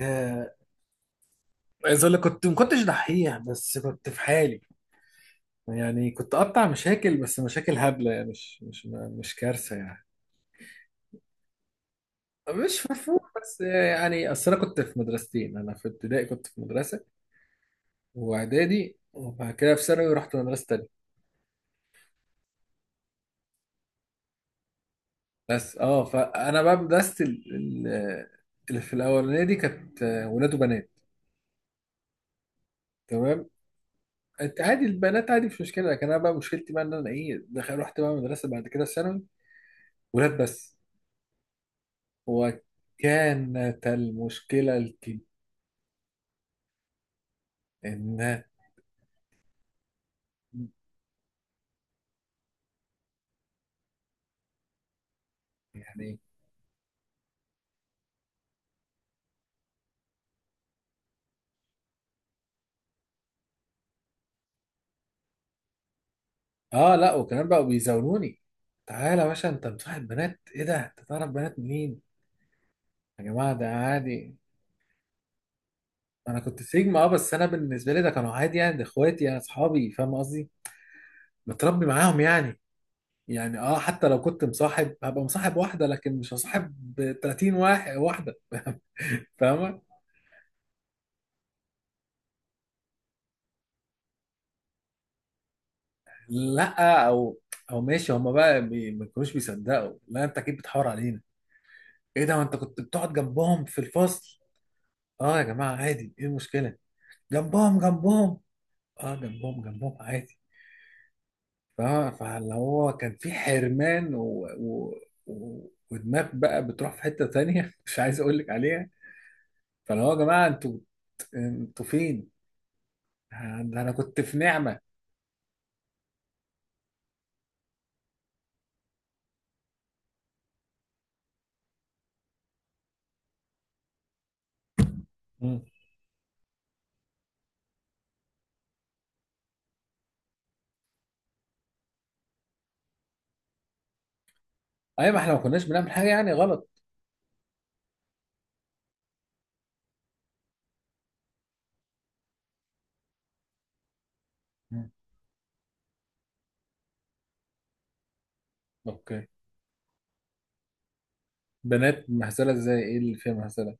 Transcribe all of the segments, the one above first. آه، عايز اقول لك كنت ما كنتش دحيح، بس كنت في حالي. يعني كنت اقطع مشاكل، بس مشاكل هبله، يعني مش كارثه يعني. مش مرفوع، بس يعني اصل انا كنت في مدرستين. انا في ابتدائي كنت في مدرسه واعدادي، وبعد كده في ثانوي رحت مدرسه تانيه. بس فانا بقى مدرستي اللي في الاولانيه دي كانت ولاد وبنات. تمام. انت عادي، البنات عادي، مش مشكله. لكن انا بقى مشكلتي بقى ان انا ايه دخل؟ رحت بقى مدرسه بعد كده في ثانوي ولاد بس. وكانت المشكلة الكبيرة إن يعني، آه لا، وكمان بقوا بيزاولوني. تعالى يا باشا، أنت مصاحب بنات؟ إيه ده؟ أنت تعرف بنات منين؟ يا جماعة ده عادي. أنا كنت سيجما، بس أنا بالنسبة لي ده كانوا عادي، يعني ده إخواتي، أنا أصحابي، فاهم قصدي؟ متربي معاهم يعني. يعني حتى لو كنت مصاحب هبقى مصاحب واحدة، لكن مش هصاحب 30 واحد واحدة. فاهمة؟ لا، أو ماشي. هما بقى ما كانوش بيصدقوا. لا، أنت أكيد بتحور علينا. ايه ده، ما انت كنت بتقعد جنبهم في الفصل. اه يا جماعه عادي، ايه المشكله؟ جنبهم جنبهم، اه جنبهم جنبهم عادي. ف- فاللي هو كان في حرمان و... ودماغ بقى بتروح في حته تانية. مش عايز اقول لك عليها. فاللي هو يا جماعه، انتوا فين؟ ده انا كنت في نعمه. مم. ايوه، ما احنا ما كناش بنعمل حاجه يعني غلط. مم. اوكي. بنات مهزله ازاي؟ ايه اللي فيها مهزله؟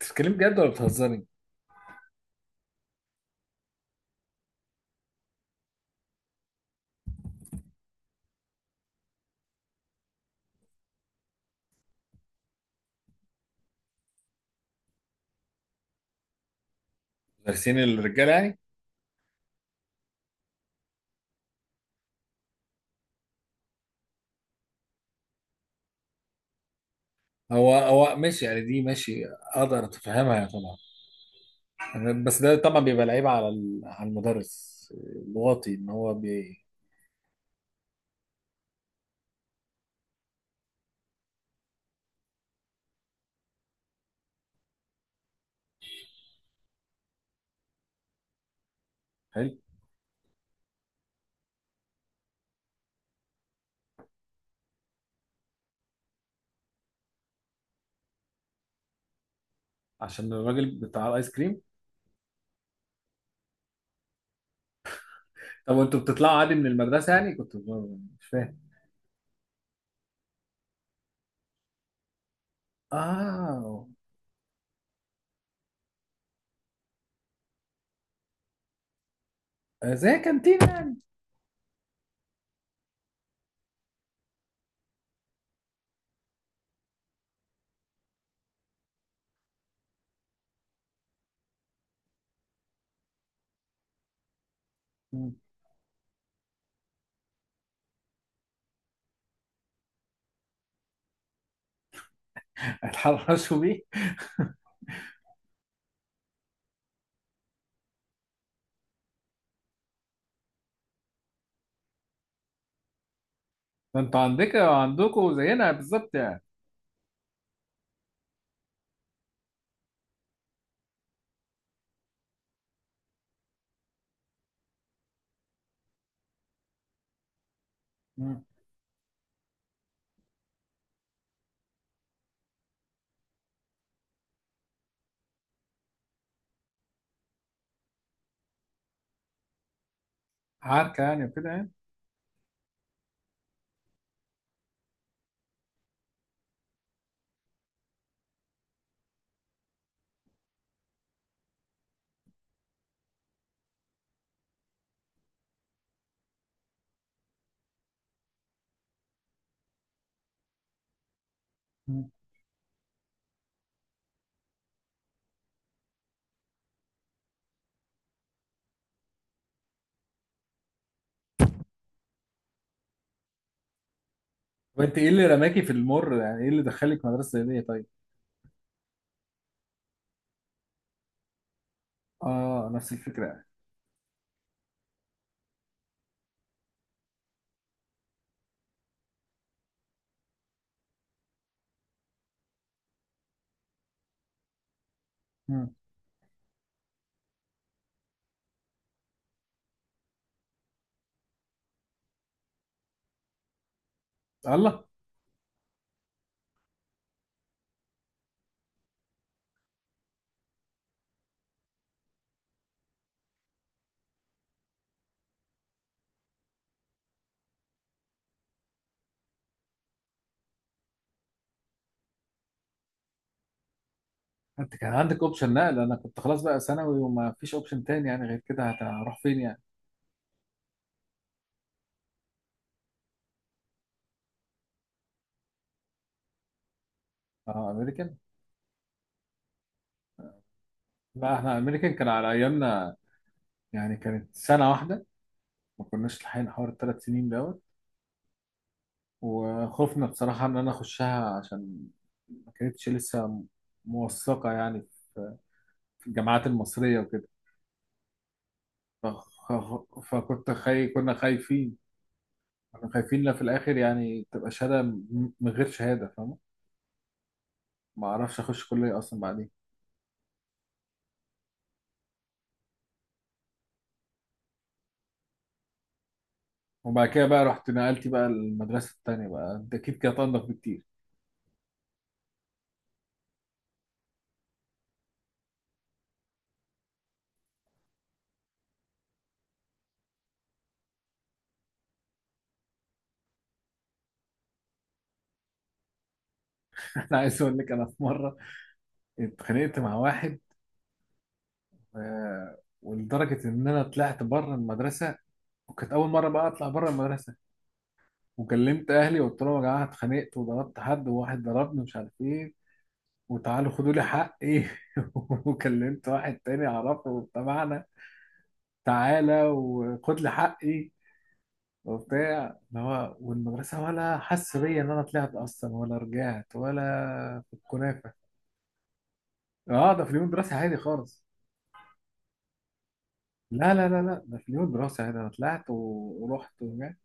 بتتكلمي بجد ولا بتهزري؟ دارسين الرجاله يعني؟ هو هو ماشي يعني، دي ماشي، اقدر اتفهمها يعني طبعا. بس ده طبعا بيبقى لعيب على على المدرس الواطي، ان هو بي. حلو. عشان الراجل بتاع الايس كريم. طب وانتوا بتطلعوا عادي من المدرسه يعني؟ كنت مش فاهم. اه، زي كانتينا يعني. مم. اتحرشوا بيه. ما انتوا عندكم زينا بالظبط يعني. مم. عركه يعني وكده يعني. مم. وانت ايه اللي رماكي في المر؟ يعني ايه اللي دخلك مدرسه زي دي طيب؟ اه نفس الفكره يعني. مم. الله. انت كان عندك اوبشن نقل؟ انا كنت خلاص بقى ثانوي وما فيش اوبشن تاني، يعني غير كده هروح فين يعني؟ اه، امريكان. لا احنا امريكان كان على ايامنا، يعني كانت سنه واحده. ما كناش لاحقين حوار الـ3 سنين دوت. وخوفنا بصراحه ان انا اخشها، عشان ما كانتش لسه موثقه يعني في الجامعات المصريه وكده. فخ- خ- فكنت خاي كنا خايفين. كنا خايفين لا في الاخر يعني تبقى شهاده من غير شهاده، فاهم؟ ما اعرفش اخش كليه اصلا بعدين. وبعد كده بقى رحت نقلتي بقى المدرسة التانية بقى، انت اكيد كانت انضف بكتير. انا عايز اقول لك، انا في مرة اتخانقت مع واحد ولدرجة ان انا طلعت بره المدرسة. وكانت اول مرة بقى اطلع بره المدرسة. وكلمت اهلي وقلت لهم يا جماعة اتخانقت وضربت حد وواحد ضربني، مش عارف ايه، وتعالوا خدوا لي حقي. وكلمت واحد تاني اعرفه تبعنا، تعالى وخد لي حقي وبتاع. اللي هو والمدرسة ولا حس بيا إن أنا طلعت أصلا، ولا رجعت ولا. في الكنافة. أه، ده في اليوم الدراسي عادي خالص. لا لا لا لا، ده في اليوم الدراسي عادي، أنا طلعت ورحت ورجعت.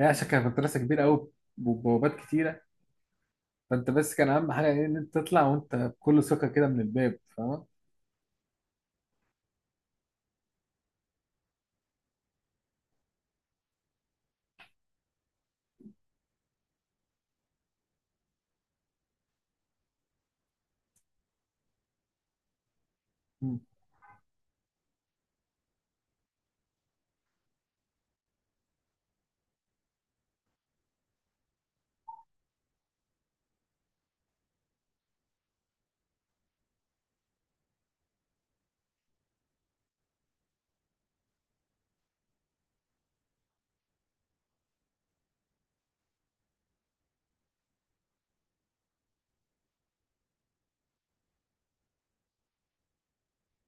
هي عشان كانت مدرسة كبيرة أوي وبوابات كتيرة. فأنت بس كان أهم حاجة إيه؟ إن أنت تطلع وأنت بكل ثقة كده من الباب، فاهم؟ مم.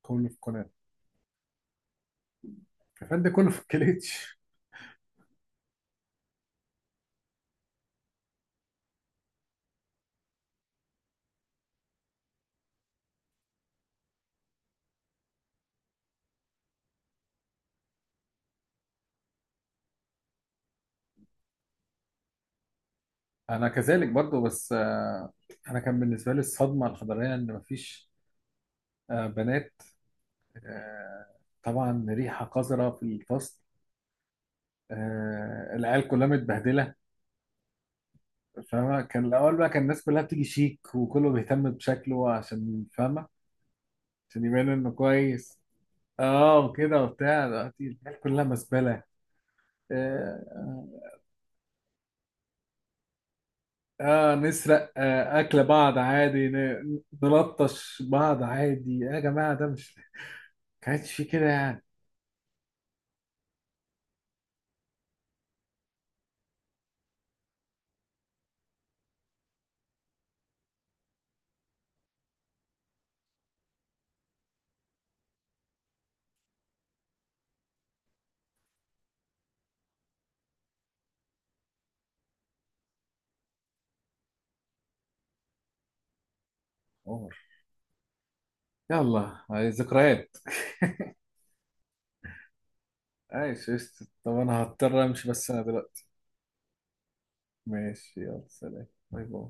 كله في الكنافة. كان ده كله في الكليتش. أنا كذلك برضه، بس أنا كان بالنسبة لي الصدمة الحضارية إن مفيش بنات. آه، طبعا ريحة قذرة في الفصل. العيال كلها متبهدلة. فاهمة، كان الأول بقى كان الناس كلها بتيجي شيك وكله بيهتم بشكله، عشان فاهمة، عشان يبان إنه كويس. اه وكده وبتاع، دلوقتي العيال كلها مزبلة. آه, آه نسرق، آه أكل بعض عادي، نلطش بعض عادي يا جماعة، ده مش كانش في كده يعني. عمر، يلا هاي ذكريات. عايش قشطة. طب انا هضطر امشي بس، انا دلوقتي ماشي، يلا سلام، باي باي.